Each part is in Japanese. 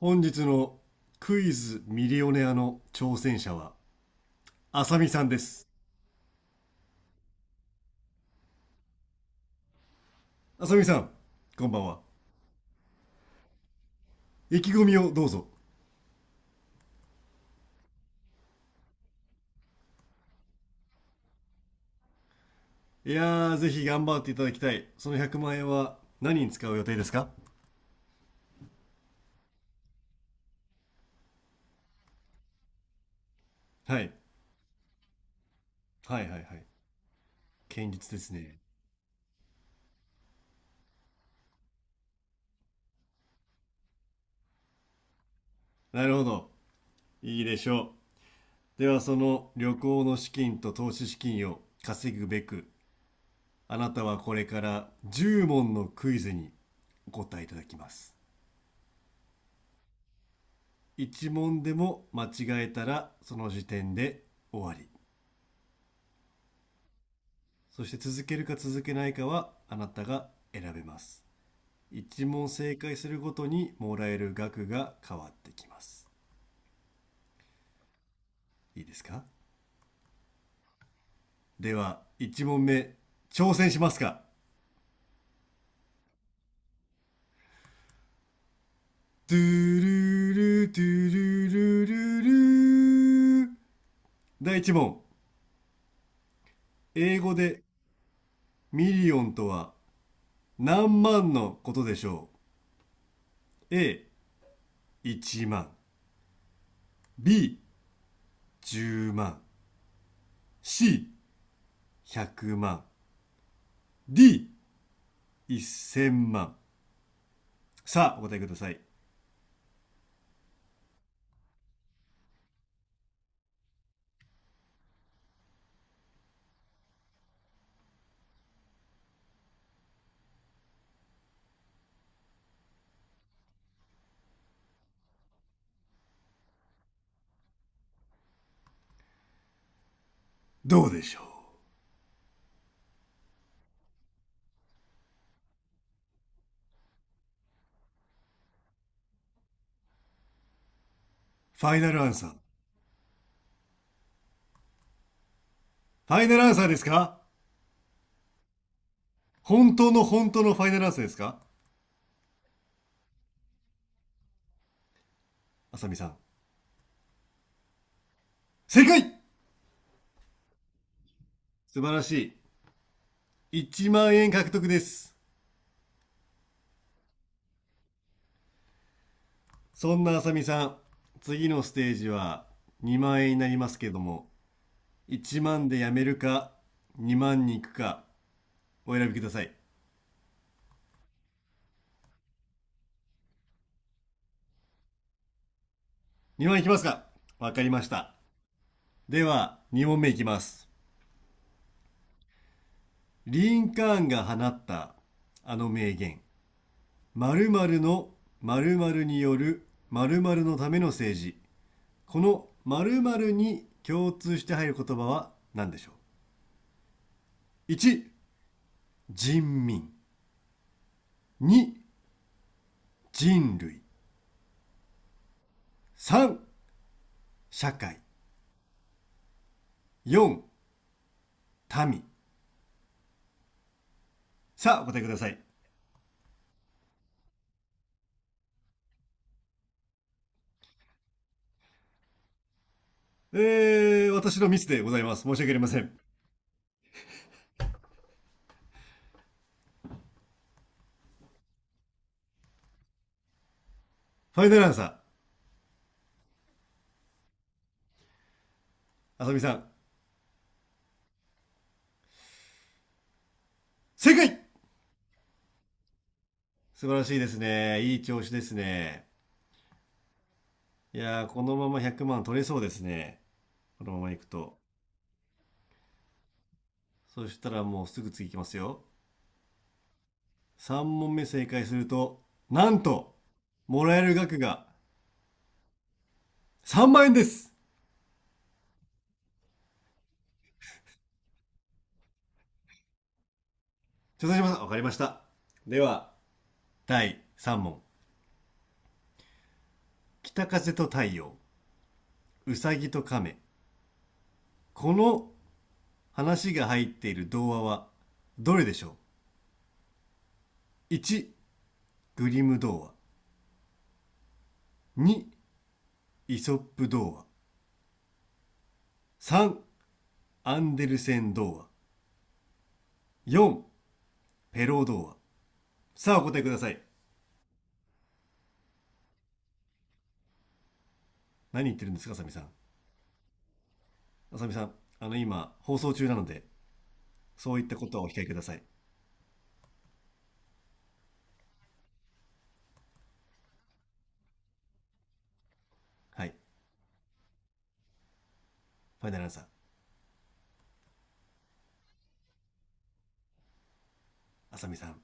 本日のクイズミリオネアの挑戦者は、あさみさんです。あさみさん、こんばんは。意気込みをどうぞ。いやー、ぜひ頑張っていただきたい。その100万円は何に使う予定ですか？はい。はいはいはい。堅実ですね。なるほど。いいでしょう。では、その旅行の資金と投資資金を稼ぐべく、あなたはこれから10問のクイズにお答えいただきます。一問でも間違えたらその時点で終わり。そして続けるか続けないかはあなたが選べます。一問正解するごとにもらえる額が変わってきます。いいですか？では一問目、挑戦しますか？トゥルルトゥルルルルル、第一問。英語でミリオンとは何万のことでしょう？ A1 万、 B10 万、 C100 万、 D1000 万。さあお答えください。どうでしょう？ファイナルアンサー？ファイナルアンサーですか？本当の本当のファイナルアンサーですか？あさみさん、正解。素晴らしい、1万円獲得です。そんなあさみさん、次のステージは2万円になりますけども、1万でやめるか2万に行くか、お選びください。2万いきますか？わかりました。では2問目いきます。リンカーンが放ったあの名言、〇〇の〇〇による〇〇のための政治。この〇〇に共通して入る言葉は何でしょう？ 1、 人民。2、人類。3、社会。4、民。さあお答えください。私のミスでございます、申し訳ありません。ファイナルアンサー？あさみさん、正解。素晴らしいですね、いい調子ですね。いやー、このまま100万取れそうですね。このままいくと。そしたらもうすぐ次いきますよ。3問目正解すると、なんと、もらえる額が3万円です。挑戦します。わかりました。では、第3問。北風と太陽、うさぎと亀。この話が入っている童話は、どれでしょう？ 1、グリム童話。2、イソップ童話。3、アンデルセン童話。4、ペロー童話。さあお答えください。何言ってるんですかあさみさん。あさみさん、あの、今放送中なので、そういったことはお控えください。はい。ファイナルアンサー？あさみさん、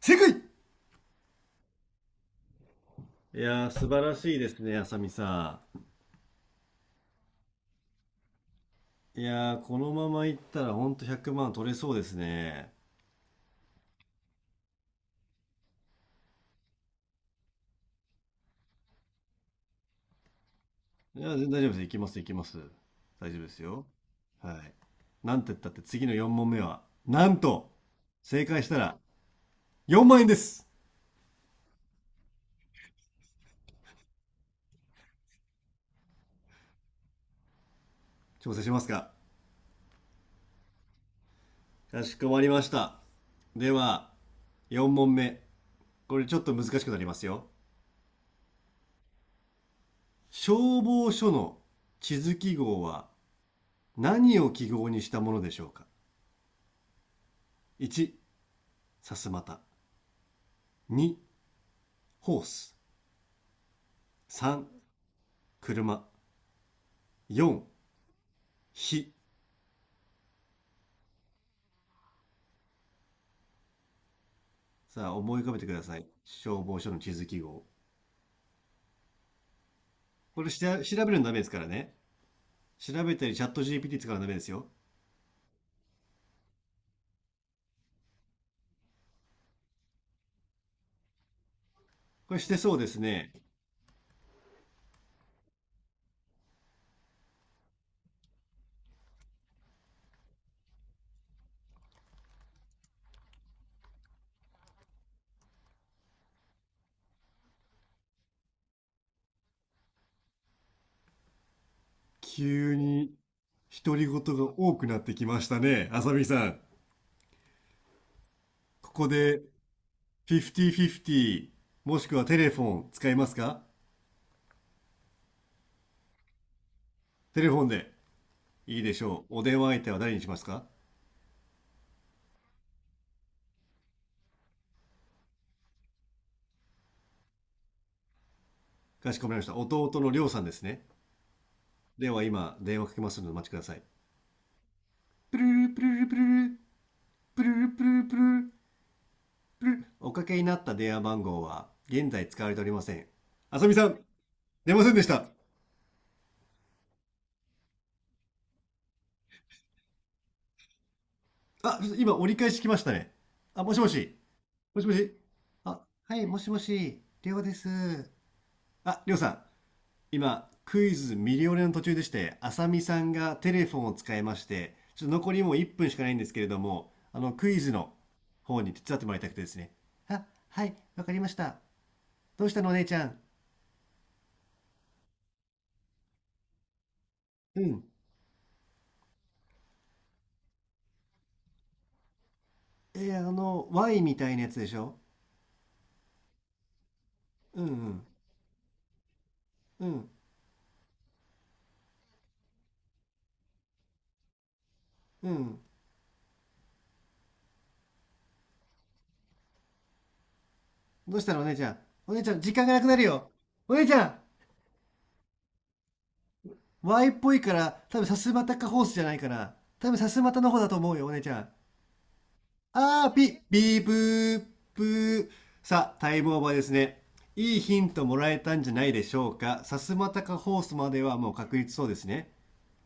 正解。いやー素晴らしいですね、あさみさん。いやーこのままいったらほんと100万取れそうですね。いやー全然大丈夫です、いきますいきます、大丈夫ですよ。はい、なんて言ったって次の4問目はなんと、正解したら4万円です。調整しますか？かしこまりました。では4問目、これちょっと難しくなりますよ。消防署の地図記号は、何を記号にしたものでしょうか？ 1、さすまた。2、ホース。3、車。4、火。さあ、思い浮かべてください。消防署の地図記号。これしら調べるのダメですからね。調べたりチャット GPT 使うのダメですよ。これしてそうですね。急に独り言が多くなってきましたね、あさみさん。ここで50-50もしくはテレフォン使いますか？テレフォンで、いいでしょう。お電話相手は誰にしますか？かしこまりました。弟のりょうさんですね。では今、電話かけますのでお待ちください。プルルプルルプルル、プルルプルルプルル、プルル。おかけになった電話番号は現在使われておりません。あさみさん、出ませんでした。あ、今折り返し来ましたね。あ、もしもし。もしもし。あ、はい、もしもし、りょうです。あ、りょうさん、今クイズミリオネの途中でして、浅見さんがテレフォンを使いまして、ちょっと残りもう1分しかないんですけれども、あのクイズの方に手伝ってもらいたくてですね。あ、はい、わかりました。どうしたのお姉ちゃん？うん。えー、あの Y みたいなやつでしょ？うんうん。うんうん。どうしたのお姉ちゃん、お姉ちゃん時間がなくなるよ。お姉ちゃん、 Y っぽいから多分さすまたかホースじゃないかな、多分さすまたの方だと思うよお姉ちゃん。あーぴ、ビーブーブー。さあ、タイムオーバーですね。いいヒントもらえたんじゃないでしょうか。さすまたかホースまではもう確実そうですね。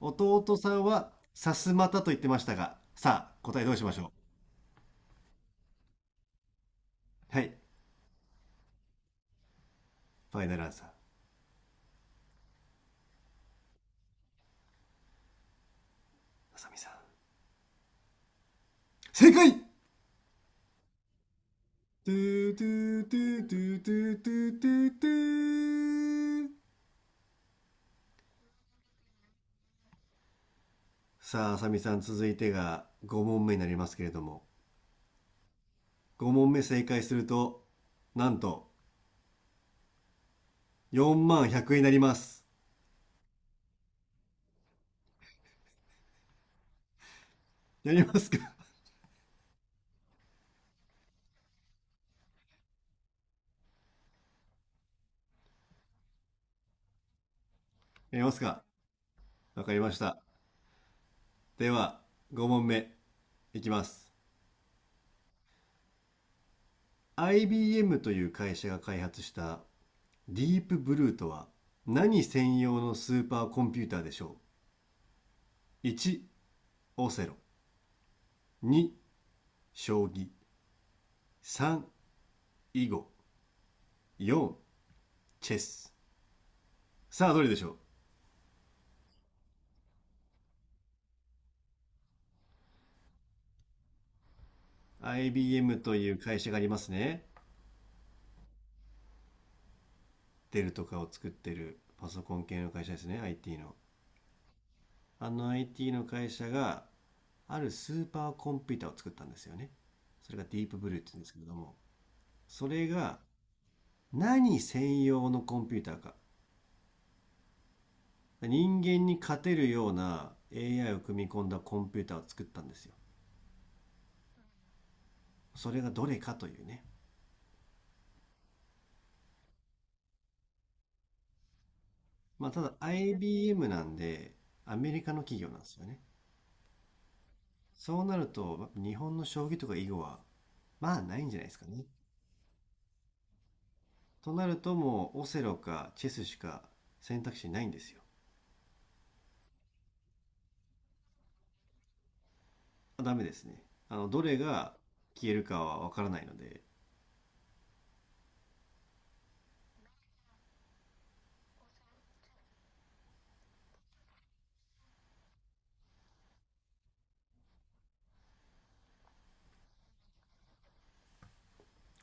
弟さんはさすまたと言ってましたが、さあ、答えどうしましょう。はい。ファイナルアンサー、あさみさん。正解、トゥートゥートゥートゥートゥートゥートゥートゥー。さあ、あさみさん、続いてが5問目になりますけれども、5問目正解すると、なんと、4万100円になります。やりますか？ やりますか？わかりました。では、5問目いきます。IBM という会社が開発したディープブルーとは、何専用のスーパーコンピューターでしょう？ 1、いちオセロ。2、将棋。3、囲碁。4、チェス。さあ、どれでしょう？ IBM という会社がありますね。デルとかを作ってるパソコン系の会社ですね。IT の。あの IT の会社が、あるスーパーコンピューターを作ったんですよね。それがディープブルーって言うんですけれども、それが何専用のコンピューターか。人間に勝てるような AI を組み込んだコンピューターを作ったんですよ。それがどれかというね。まあただ IBM なんで、アメリカの企業なんですよね。そうなると日本の将棋とか囲碁は、まあないんじゃないですかね。となるともうオセロかチェスしか選択肢ないんですよ。ダメですね。あの、どれが消えるかはわからないので。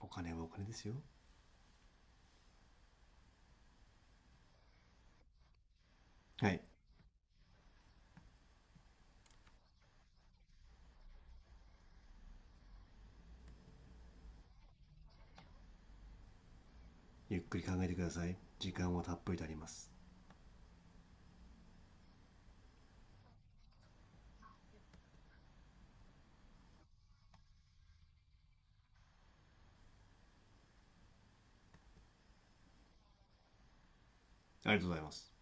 お金はお金ですよ。はい。ゆっくり考えてください。時間はたっぷりとあります。ありがとうございます。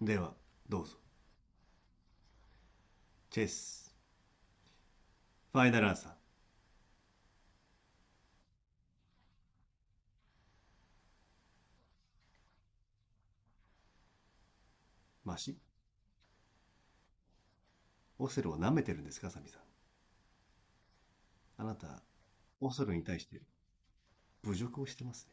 では、どうぞ。チェス。ファイナルアンサー。マシ。オセロを舐めてるんですか、サミさん。あなた、オセロに対して侮辱をしてますね。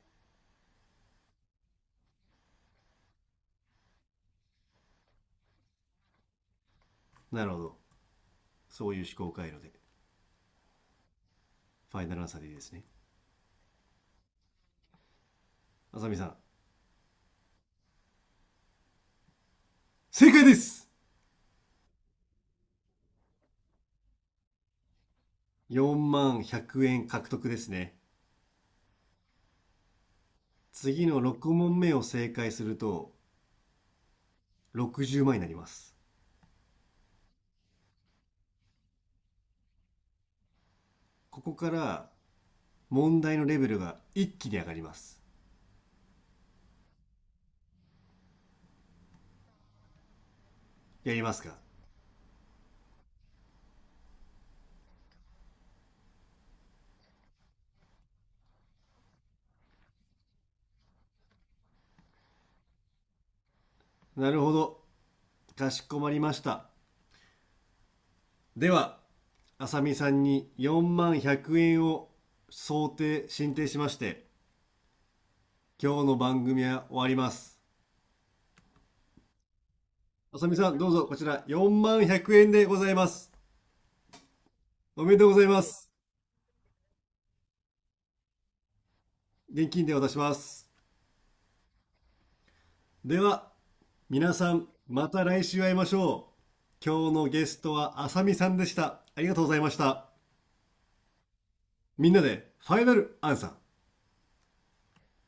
なるほど。そういう思考回路で、ファイナルアンサーでいいですね。あさみさん、正解です。4万100円獲得ですね。次の6問目を正解すると、60万になります。ここから問題のレベルが一気に上がります。やりますか？なるほど。かしこまりました。では、あさみさんに4万100円を想定、申請しまして、今日の番組は終わります。あさみさん、どうぞこちら4万100円でございます。おめでとうございます。現金で渡します。では、皆さん、また来週会いましょう。今日のゲストはあさみさんでした。ありがとうございました。みんなでファイナルアンサー。